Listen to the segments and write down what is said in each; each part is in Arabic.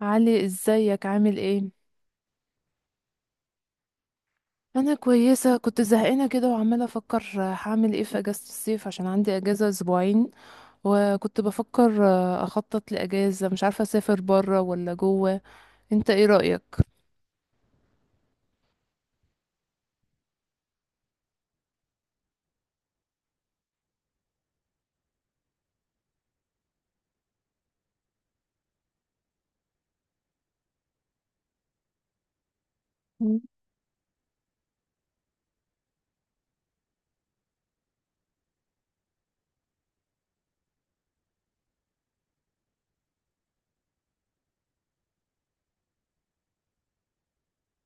علي، ازيك عامل ايه؟ انا كويسه، كنت زهقانه كده وعماله افكر هعمل ايه في اجازه الصيف، عشان عندي اجازه اسبوعين. وكنت بفكر اخطط لاجازه، مش عارفه اسافر بره ولا جوه. انت ايه رايك؟ مم.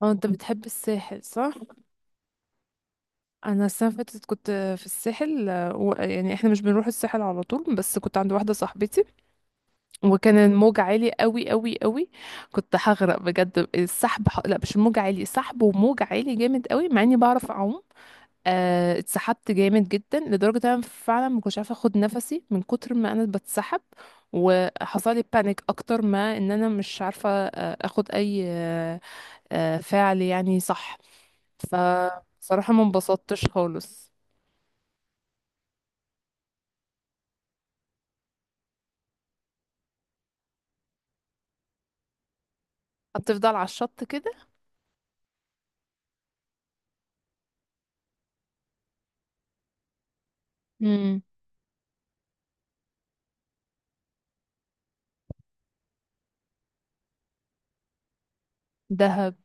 اه، انت بتحب الساحل، صح؟ انا السنه اللي فاتت كنت في الساحل يعني احنا مش بنروح الساحل على طول، بس كنت عند واحده صاحبتي. وكان الموج عالي قوي قوي قوي. كنت هغرق بجد، السحب لا مش الموج عالي، سحب وموج عالي جامد قوي، مع اني بعرف اعوم. اتسحبت جامد جدا، لدرجة إن انا فعلا ما كنتش عارفة اخد نفسي من كتر ما انا بتسحب. وحصل لي بانيك اكتر، ما ان انا مش عارفة اخد اي فعل، يعني صح. فصراحة ما انبسطتش خالص. هتفضل على الشط كده؟ امم. دهب.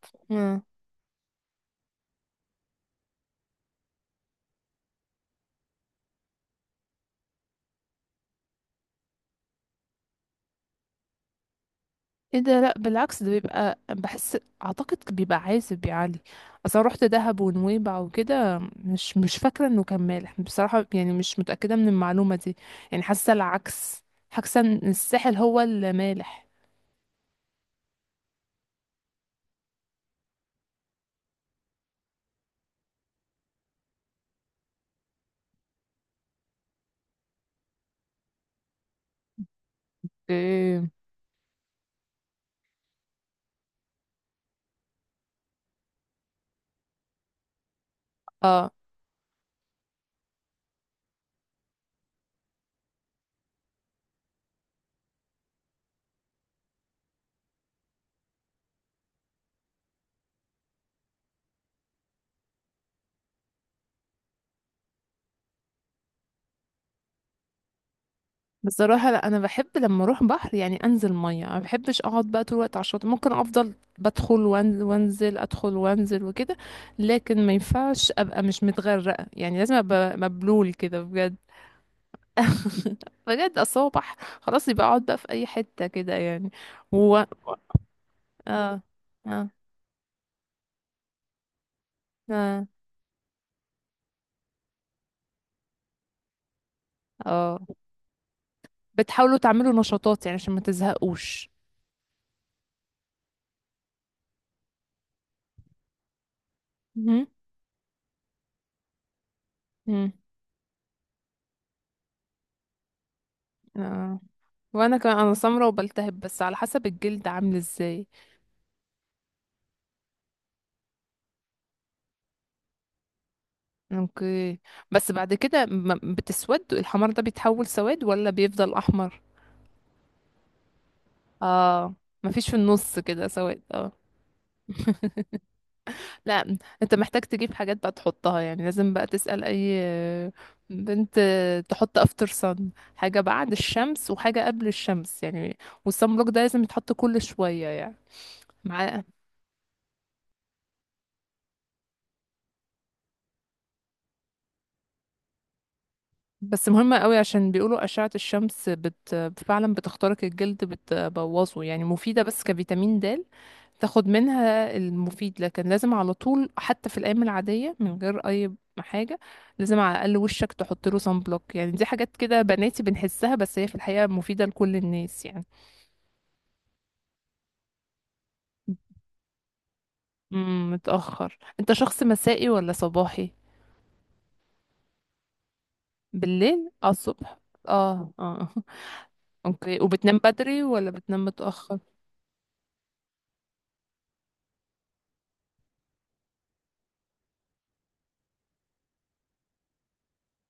ايه ده؟ لا، بالعكس، ده بيبقى بحس اعتقد بيبقى عازب يا علي. اصلا رحت دهب ونويبع وكده، مش فاكره انه كان مالح بصراحه، يعني مش متاكده من المعلومه دي. يعني حاسه العكس، حاسه ان الساحل هو اللي مالح. ايه؟ اه. بصراحه، لا انا بحب لما اروح بحر يعني انزل ميه، ما بحبش اقعد بقى طول الوقت على الشاطئ، ممكن افضل بدخل وانزل، ادخل وانزل وكده. لكن ما ينفعش ابقى مش متغرقه، يعني لازم ابقى مبلول كده بجد. بجد، اصل هو خلاص يبقى اقعد بقى في اي حته كده يعني و اه. اه. اه. اه. بتحاولوا تعملوا نشاطات يعني عشان ما تزهقوش؟ مهم. مم. اه. وانا كمان انا سمرة وبلتهب، بس على حسب الجلد عامل ازاي. اوكي. بس بعد كده بتسود؟ الحمار ده بيتحول سواد ولا بيفضل احمر؟ اه. مفيش في النص كده سواد، اه. لا، انت محتاج تجيب حاجات بقى تحطها، يعني لازم بقى تسأل اي بنت تحط افتر صن، حاجة بعد الشمس وحاجة قبل الشمس يعني. والصن بلوك ده لازم يتحط كل شوية يعني. مع بس مهمة قوي، عشان بيقولوا أشعة الشمس فعلا بتخترق الجلد، بتبوظه، يعني مفيدة بس كفيتامين د، تاخد منها المفيد. لكن لازم على طول، حتى في الايام العاديه من غير اي حاجه، لازم على الاقل وشك تحط له صن بلوك. يعني دي حاجات كده بناتي بنحسها، بس هي في الحقيقه مفيده لكل الناس يعني. متاخر. انت شخص مسائي ولا صباحي؟ بالليل؟ اه، الصبح. اه، اه. اوكي. وبتنام بدري ولا بتنام متاخر؟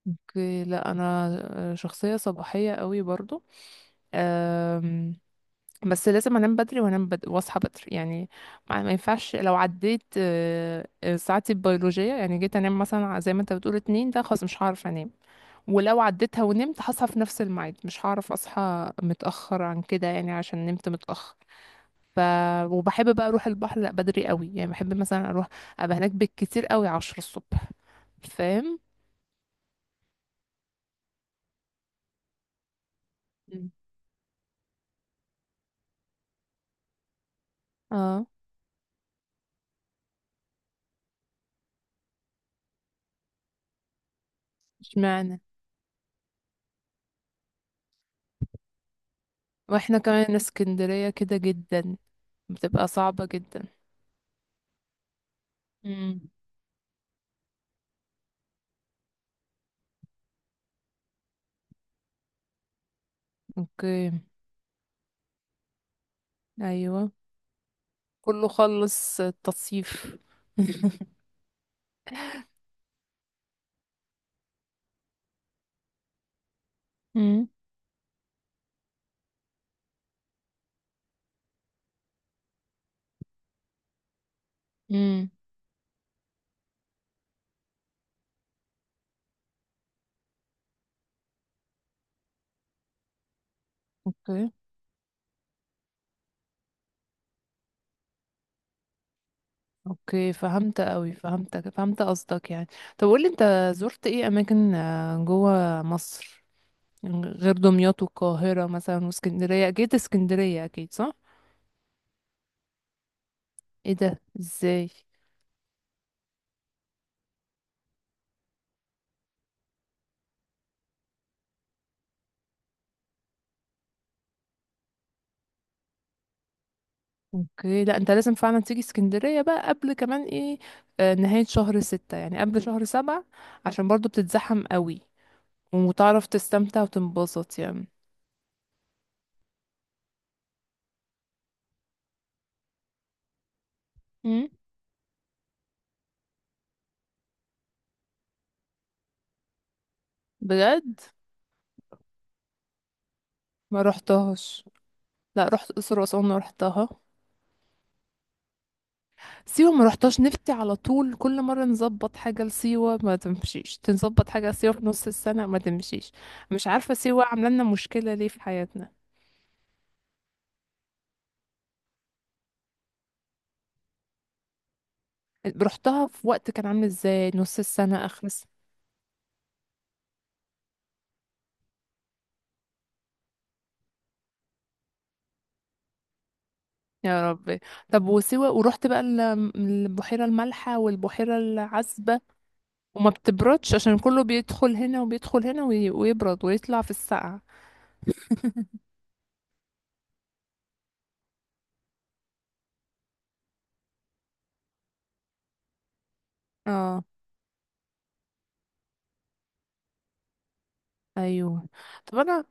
اوكي. لا انا شخصيه صباحيه قوي برضو، بس لازم انام بدري، وانام بدري واصحى بدري يعني. ما ينفعش، لو عديت ساعتي البيولوجية، يعني جيت انام مثلا زي ما انت بتقول 2، ده خلاص مش هعرف انام. ولو عديتها ونمت هصحى في نفس الميعاد، مش هعرف اصحى متأخر عن كده يعني عشان نمت متأخر. ف وبحب بقى اروح البحر لا بدري قوي، يعني بحب مثلا اروح ابقى هناك بالكتير قوي 10 الصبح. فاهم؟ مم. اه. اشمعنى؟ واحنا كمان اسكندرية كده جدا، بتبقى صعبة جدا. امم. اوكي. ايوه. كله خلص التصيف. امم، امم. اوكي. اوكي، فهمت قوي، فهمتك، فهمت قصدك يعني. طب قولي انت، زرت ايه اماكن جوه مصر؟ يعني غير دمياط والقاهرة مثلا، واسكندرية اكيد، اسكندرية اكيد، صح؟ ايه ده؟ ازاي؟ اوكي. لا انت لازم فعلا تيجي اسكندرية بقى قبل كمان ايه، نهاية شهر 6، يعني قبل شهر 7، عشان برضو بتتزحم قوي، وتعرف تستمتع وتنبسط يعني. امم. بجد؟ ما رحتهاش. لا، رحت الاقصر واسوان رحتها. سيوه ما رحتهاش، نفسي على طول. كل مره نظبط حاجه لسيوه ما تمشيش، تنظبط حاجه لسيوه في نص السنه ما تمشيش. مش عارفه سيوه عامله لنا مشكله ليه في حياتنا. رحتها في وقت كان عامل ازاي؟ نص السنه، اخر السنة. يا ربي. طب وسيوه، ورحت بقى البحيره المالحه والبحيره العذبه؟ وما بتبردش؟ عشان كله بيدخل هنا وبيدخل هنا ويبرد ويطلع في السقعه. اه. ايوه. طب انا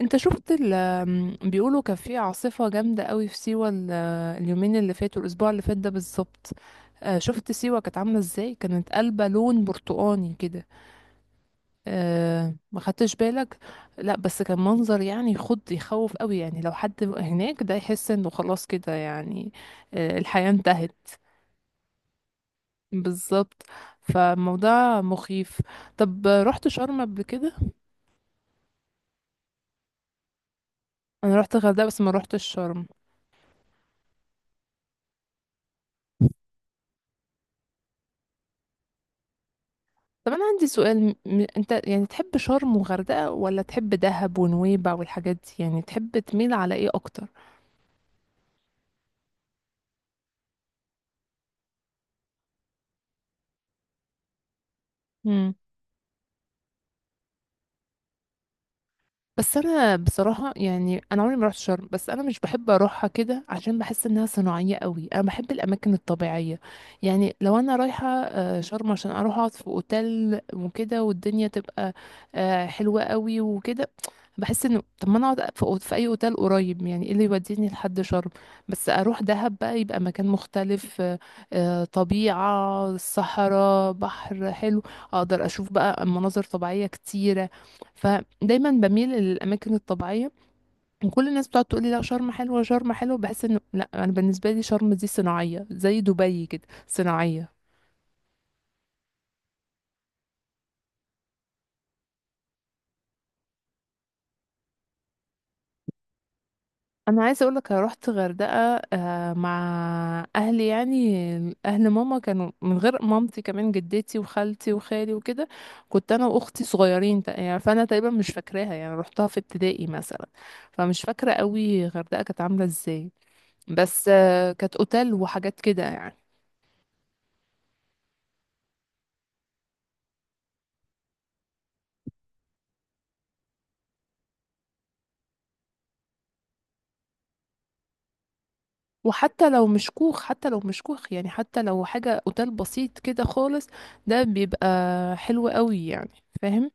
انت شفت ال آم، بيقولوا كان في عاصفة جامدة قوي في سيوة اليومين اللي فاتوا، الأسبوع اللي فات ده بالظبط. شفت سيوة كانت عاملة ازاي؟ كانت قلبة لون برتقاني كده. ما خدتش بالك؟ لا، بس كان منظر يعني يخض، يخوف قوي، يعني لو حد هناك ده يحس انه خلاص كده يعني الحياة انتهت. بالظبط. فالموضوع مخيف. طب رحت شرم قبل كده؟ انا رحت الغردقة بس ما رحتش شرم. طب انا عندي سؤال، انت يعني تحب شرم وغردقة ولا تحب دهب ونويبع والحاجات دي؟ يعني تحب تميل على ايه اكتر؟ بس انا بصراحه يعني، انا عمري ما رحت شرم، بس انا مش بحب اروحها كده عشان بحس انها صناعيه قوي، انا بحب الاماكن الطبيعيه. يعني لو انا رايحه شرم عشان اروح اقعد في اوتيل وكده، والدنيا تبقى حلوه قوي وكده، بحس انه طب ما انا اقعد في في اي اوتيل قريب، يعني ايه اللي يوديني لحد شرم؟ بس اروح دهب بقى يبقى مكان مختلف، طبيعه، صحراء، بحر حلو، اقدر اشوف بقى مناظر طبيعيه كتيره. فدايما بميل للاماكن الطبيعيه. وكل الناس بتقعد تقول لي لا، شرم حلوه، شرم حلوه، بحس انه لا، انا بالنسبه لي شرم دي صناعيه زي دبي، كده صناعيه. انا عايزه اقول لك، رحت غردقه مع اهلي يعني. اهل ماما كانوا من غير مامتي كمان، جدتي وخالتي وخالي وكده. كنت انا واختي صغيرين، يعني فانا تقريبا مش فاكراها يعني، رحتها في ابتدائي مثلا. فمش فاكره قوي غردقه كانت عامله ازاي، بس كانت اوتيل وحاجات كده يعني. وحتى لو مش كوخ، حتى لو مش كوخ يعني، حتى لو حاجة اوتيل بسيط كده خالص، ده بيبقى حلو قوي يعني. فاهم؟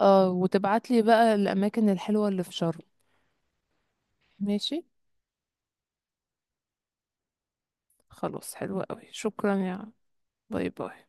اه، وتبعتلي بقى الاماكن الحلوة اللي في شرم. ماشي. خلاص، حلوة قوي. شكرا يا. باي باي.